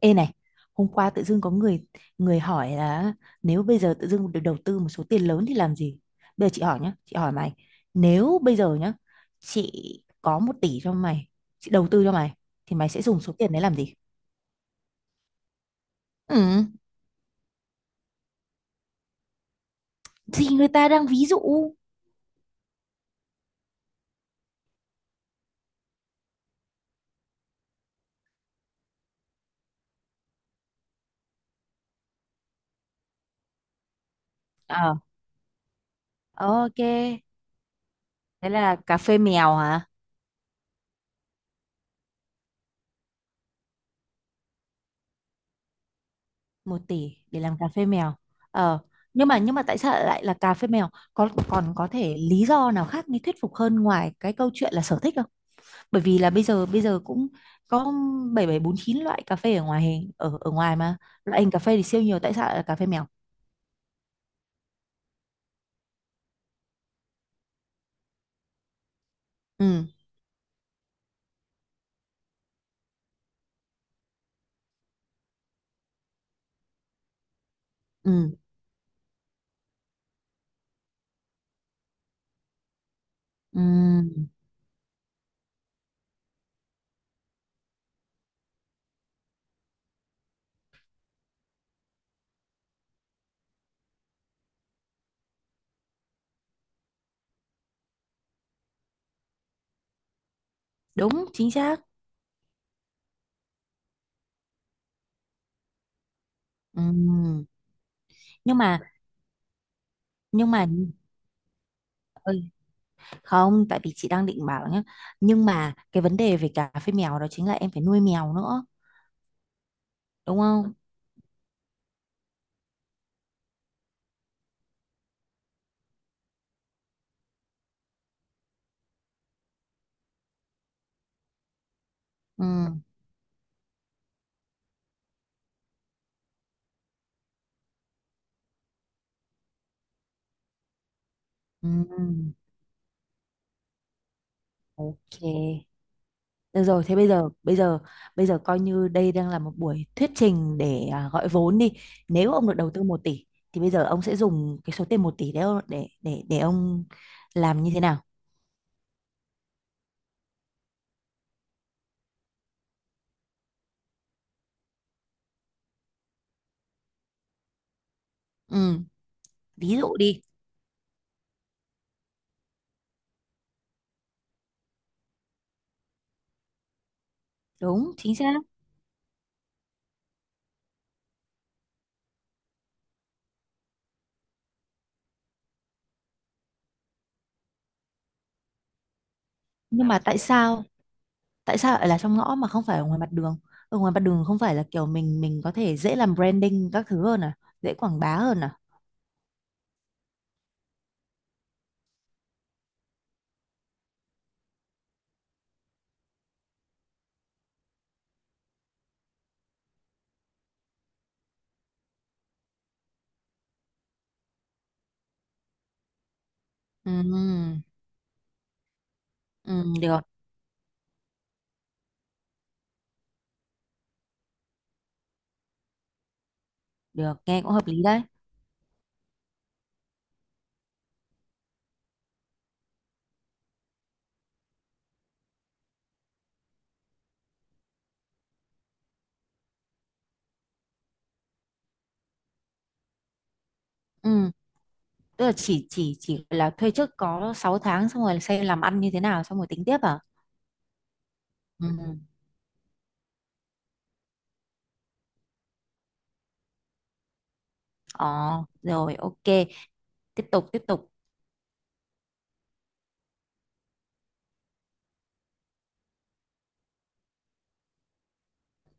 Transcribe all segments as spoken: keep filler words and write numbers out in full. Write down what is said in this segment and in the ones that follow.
Ê này, hôm qua tự dưng có người người hỏi là nếu bây giờ tự dưng được đầu tư một số tiền lớn thì làm gì? Bây giờ chị hỏi nhá, chị hỏi mày, nếu bây giờ nhá, chị có một tỷ cho mày, chị đầu tư cho mày, thì mày sẽ dùng số tiền đấy làm gì? Ừ, thì người ta đang ví dụ. Ờ, ok. Thế là cà phê mèo hả? Một tỷ để làm cà phê mèo. Ờ, nhưng mà nhưng mà tại sao lại là cà phê mèo? Có còn có thể lý do nào khác mới thuyết phục hơn ngoài cái câu chuyện là sở thích không? Bởi vì là bây giờ bây giờ cũng có bảy bảy bốn chín loại cà phê ở ngoài hình ở ở ngoài mà loại hình cà phê thì siêu nhiều, tại sao lại là cà phê mèo? Ừ, ừ, ừ, đúng chính xác. Ừ. nhưng mà nhưng mà ơi, không, tại vì chị đang định bảo nhá, nhưng mà cái vấn đề về cà phê mèo đó chính là em phải nuôi mèo nữa, đúng không? Ừ, ừ, ok. Được rồi, thế bây giờ bây giờ bây giờ coi như đây đang là một buổi thuyết trình để à, gọi vốn đi. Nếu ông được đầu tư một tỷ thì bây giờ ông sẽ dùng cái số tiền một tỷ đấy ô- để để để ông làm như thế nào? Ừ, ví dụ đi. Đúng, chính xác. Nhưng mà tại sao tại sao lại là trong ngõ mà không phải ở ngoài mặt đường? Ở ngoài mặt đường không phải là kiểu mình mình có thể dễ làm branding các thứ hơn à, dễ quảng bá hơn à? Ừ, ừ, được, được, nghe cũng hợp lý đấy. Ừ. Tức là chỉ chỉ chỉ là thuê trước có sáu tháng xong rồi xem làm ăn như thế nào xong rồi tính tiếp à? Ừ. Ừ. Ờ, rồi, ok. Tiếp tục, tiếp tục.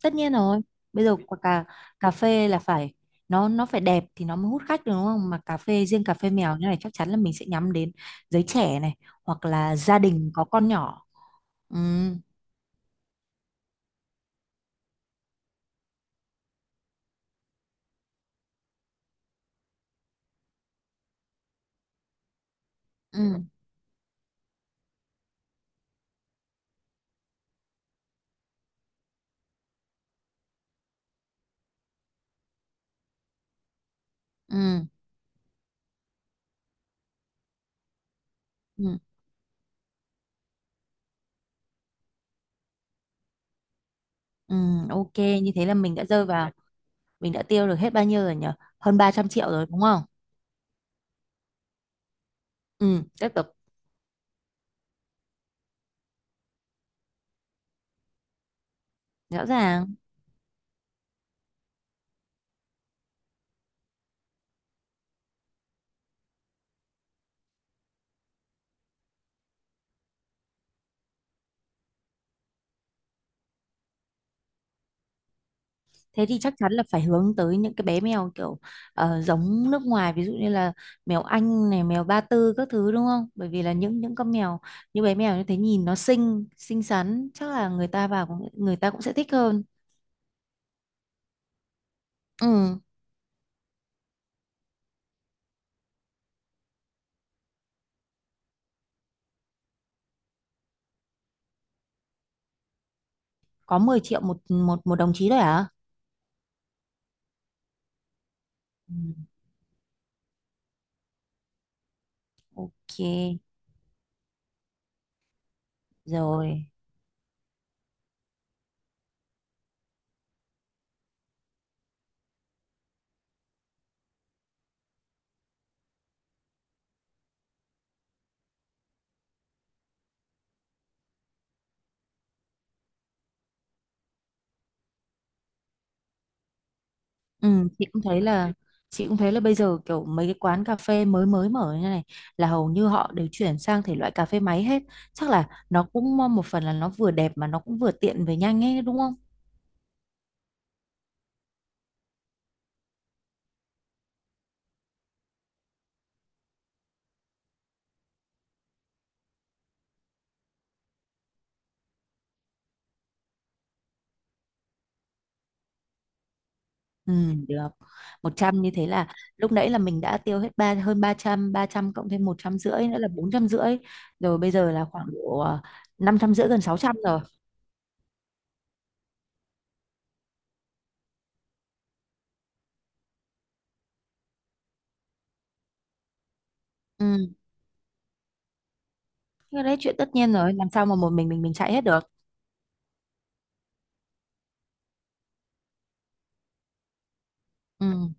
Tất nhiên rồi. Bây giờ quả cà cà phê là phải, nó nó phải đẹp thì nó mới hút khách được đúng không? Mà cà phê, riêng cà phê mèo như này chắc chắn là mình sẽ nhắm đến giới trẻ này hoặc là gia đình có con nhỏ. Ừ, ừ, ừ, ừ, ừ, ok. Như thế là mình đã rơi vào mình đã tiêu được hết bao nhiêu rồi nhỉ? Hơn ba trăm triệu rồi đúng không? Ừ, tiếp tục. Rõ ràng, thế thì chắc chắn là phải hướng tới những cái bé mèo kiểu ờ, giống nước ngoài, ví dụ như là mèo Anh này, mèo Ba Tư các thứ, đúng không? Bởi vì là những những con mèo, như bé mèo như thế nhìn nó xinh, xinh xắn, chắc là người ta vào cũng- người ta cũng sẽ thích hơn. Ừ, có mười triệu một một một đồng chí thôi hả? Ừ, ok, rồi. Ừ, chị cũng thấy là chị cũng thấy là bây giờ kiểu mấy cái quán cà phê mới mới mở như này là hầu như họ đều chuyển sang thể loại cà phê máy hết, chắc là nó cũng mo- một phần là nó vừa đẹp mà nó cũng vừa tiện về nhanh ấy đúng không? Ừ, được. Một trăm như thế là lúc nãy là mình đã tiêu hết ba hơn ba trăm, ba trăm cộng thêm một trăm rưỡi nữa là bốn trăm rưỡi rồi, bây giờ là khoảng độ ờ, năm trăm rưỡi, gần sáu trăm rồi. Ừ. Thế đấy, chuyện tất nhiên rồi, làm sao mà một mình mình mình chạy hết được. Ừ.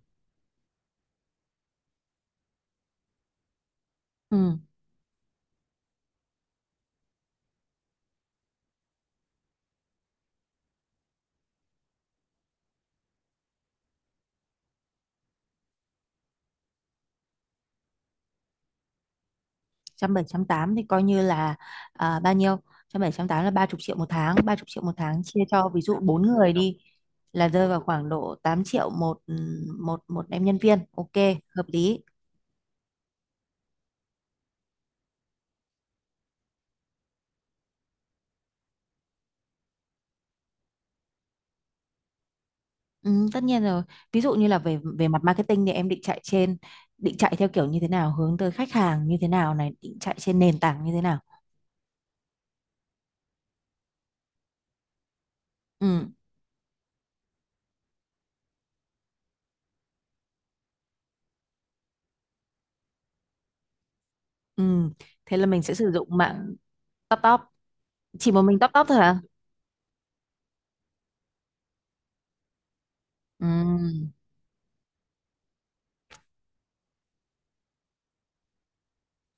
Ừ. Trăm bảy, trăm tám thì coi như là à, bao nhiêu? Trăm bảy trăm tám là ba chục triệu một tháng, ba chục triệu một tháng chia cho ví dụ bốn người đi là rơi vào khoảng độ tám triệu một, ừ, một một em nhân viên, ok, hợp lý. Ừ, tất nhiên rồi. Ví dụ như là về về mặt marketing thì em định chạy trên định chạy theo kiểu như thế nào, hướng tới khách hàng như thế nào này, định chạy trên nền tảng như thế nào? Ừ, ừ. Thế là mình sẽ sử dụng mạng top top, chỉ một mình top top thôi hả? Ừ.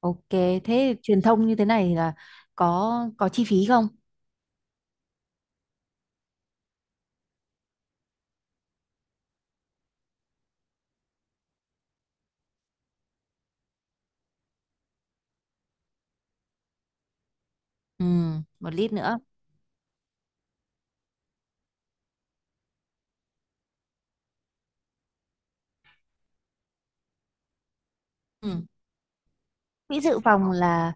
Ok, thế truyền thông như thế này là có có chi phí không? Ừ, một lít nữa. Ừ. Quỹ dự phòng là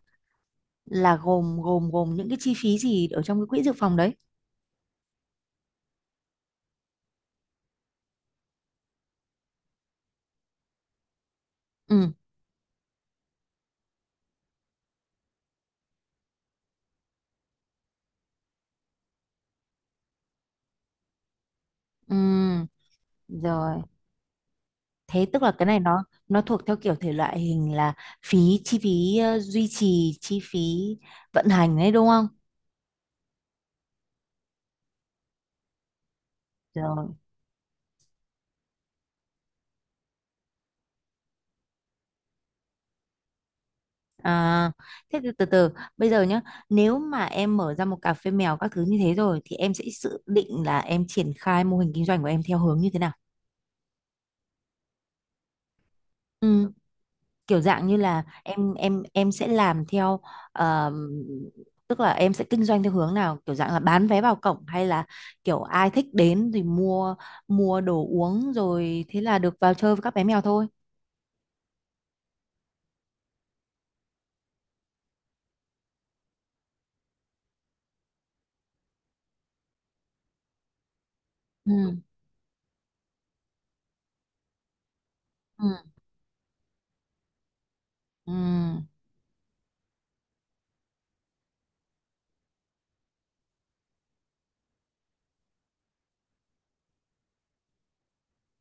là gồm gồm gồm những cái chi phí gì ở trong cái quỹ dự phòng đấy? Ừ. Ừ, rồi. Thế tức là cái này nó nó thuộc theo kiểu thể loại hình là phí chi phí ờ, duy trì, chi phí vận hành đấy đúng không? Rồi. À, thế từ, từ từ bây giờ nhá, nếu mà em mở ra một cà phê mèo các thứ như thế rồi thì em sẽ dự định là em triển khai mô hình kinh doanh của em theo hướng như thế nào? Ừ, kiểu dạng như là em em em sẽ làm theo, ờm, tức là em sẽ kinh doanh theo hướng nào, kiểu dạng là bán vé vào cổng hay là kiểu ai thích đến thì mua mua đồ uống rồi thế là được vào chơi với các bé mèo thôi. Ừ. Ừ. Ừ.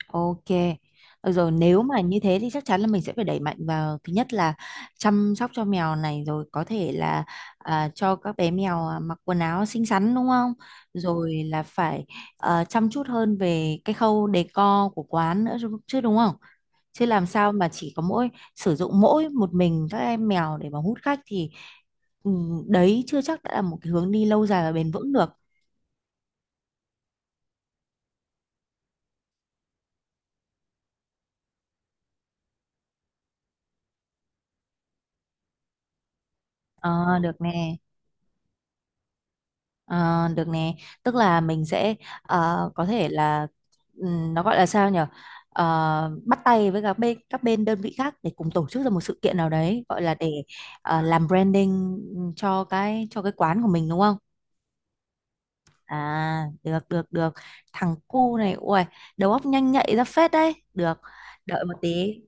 Ok. Được rồi, nếu mà như thế thì chắc chắn là mình sẽ phải đẩy mạnh vào thứ nhất là chăm sóc cho mèo này, rồi có thể là à, cho các bé mèo à, mặc quần áo xinh xắn đúng không? Rồi là phải à, chăm chút hơn về cái khâu decor của quán nữa chứ chứ đúng không? Chứ làm sao mà chỉ có mỗi sử dụng mỗi một mình các em mèo để mà hút khách thì, ừ, đấy chưa chắc đã là một cái hướng đi lâu dài và bền vững được. Ờ, được nè. Ờ, được nè, tức là mình sẽ ờ, có thể là, ừm, nó gọi là sao nhở? Ờ, bắt tay với các bên các bên đơn vị khác để cùng tổ chức ra một sự kiện nào đấy gọi là để ờ, làm branding, ừ, cho cái cho cái quán của mình đúng không? À, được, được, được. Thằng cu này, ui, đầu óc nhanh nhạy ra phết đấy. Được. Đợi một tí,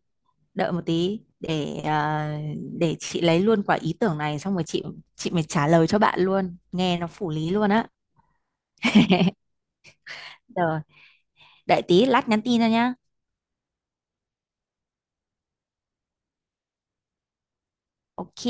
đợi một tí để ờ, để chị lấy luôn quả ý tưởng này xong rồi chị chị mới trả lời cho bạn luôn. Nghe nó phủ lý luôn á. Rồi, đợi tí lát nhắn tin cho nhá. Ok.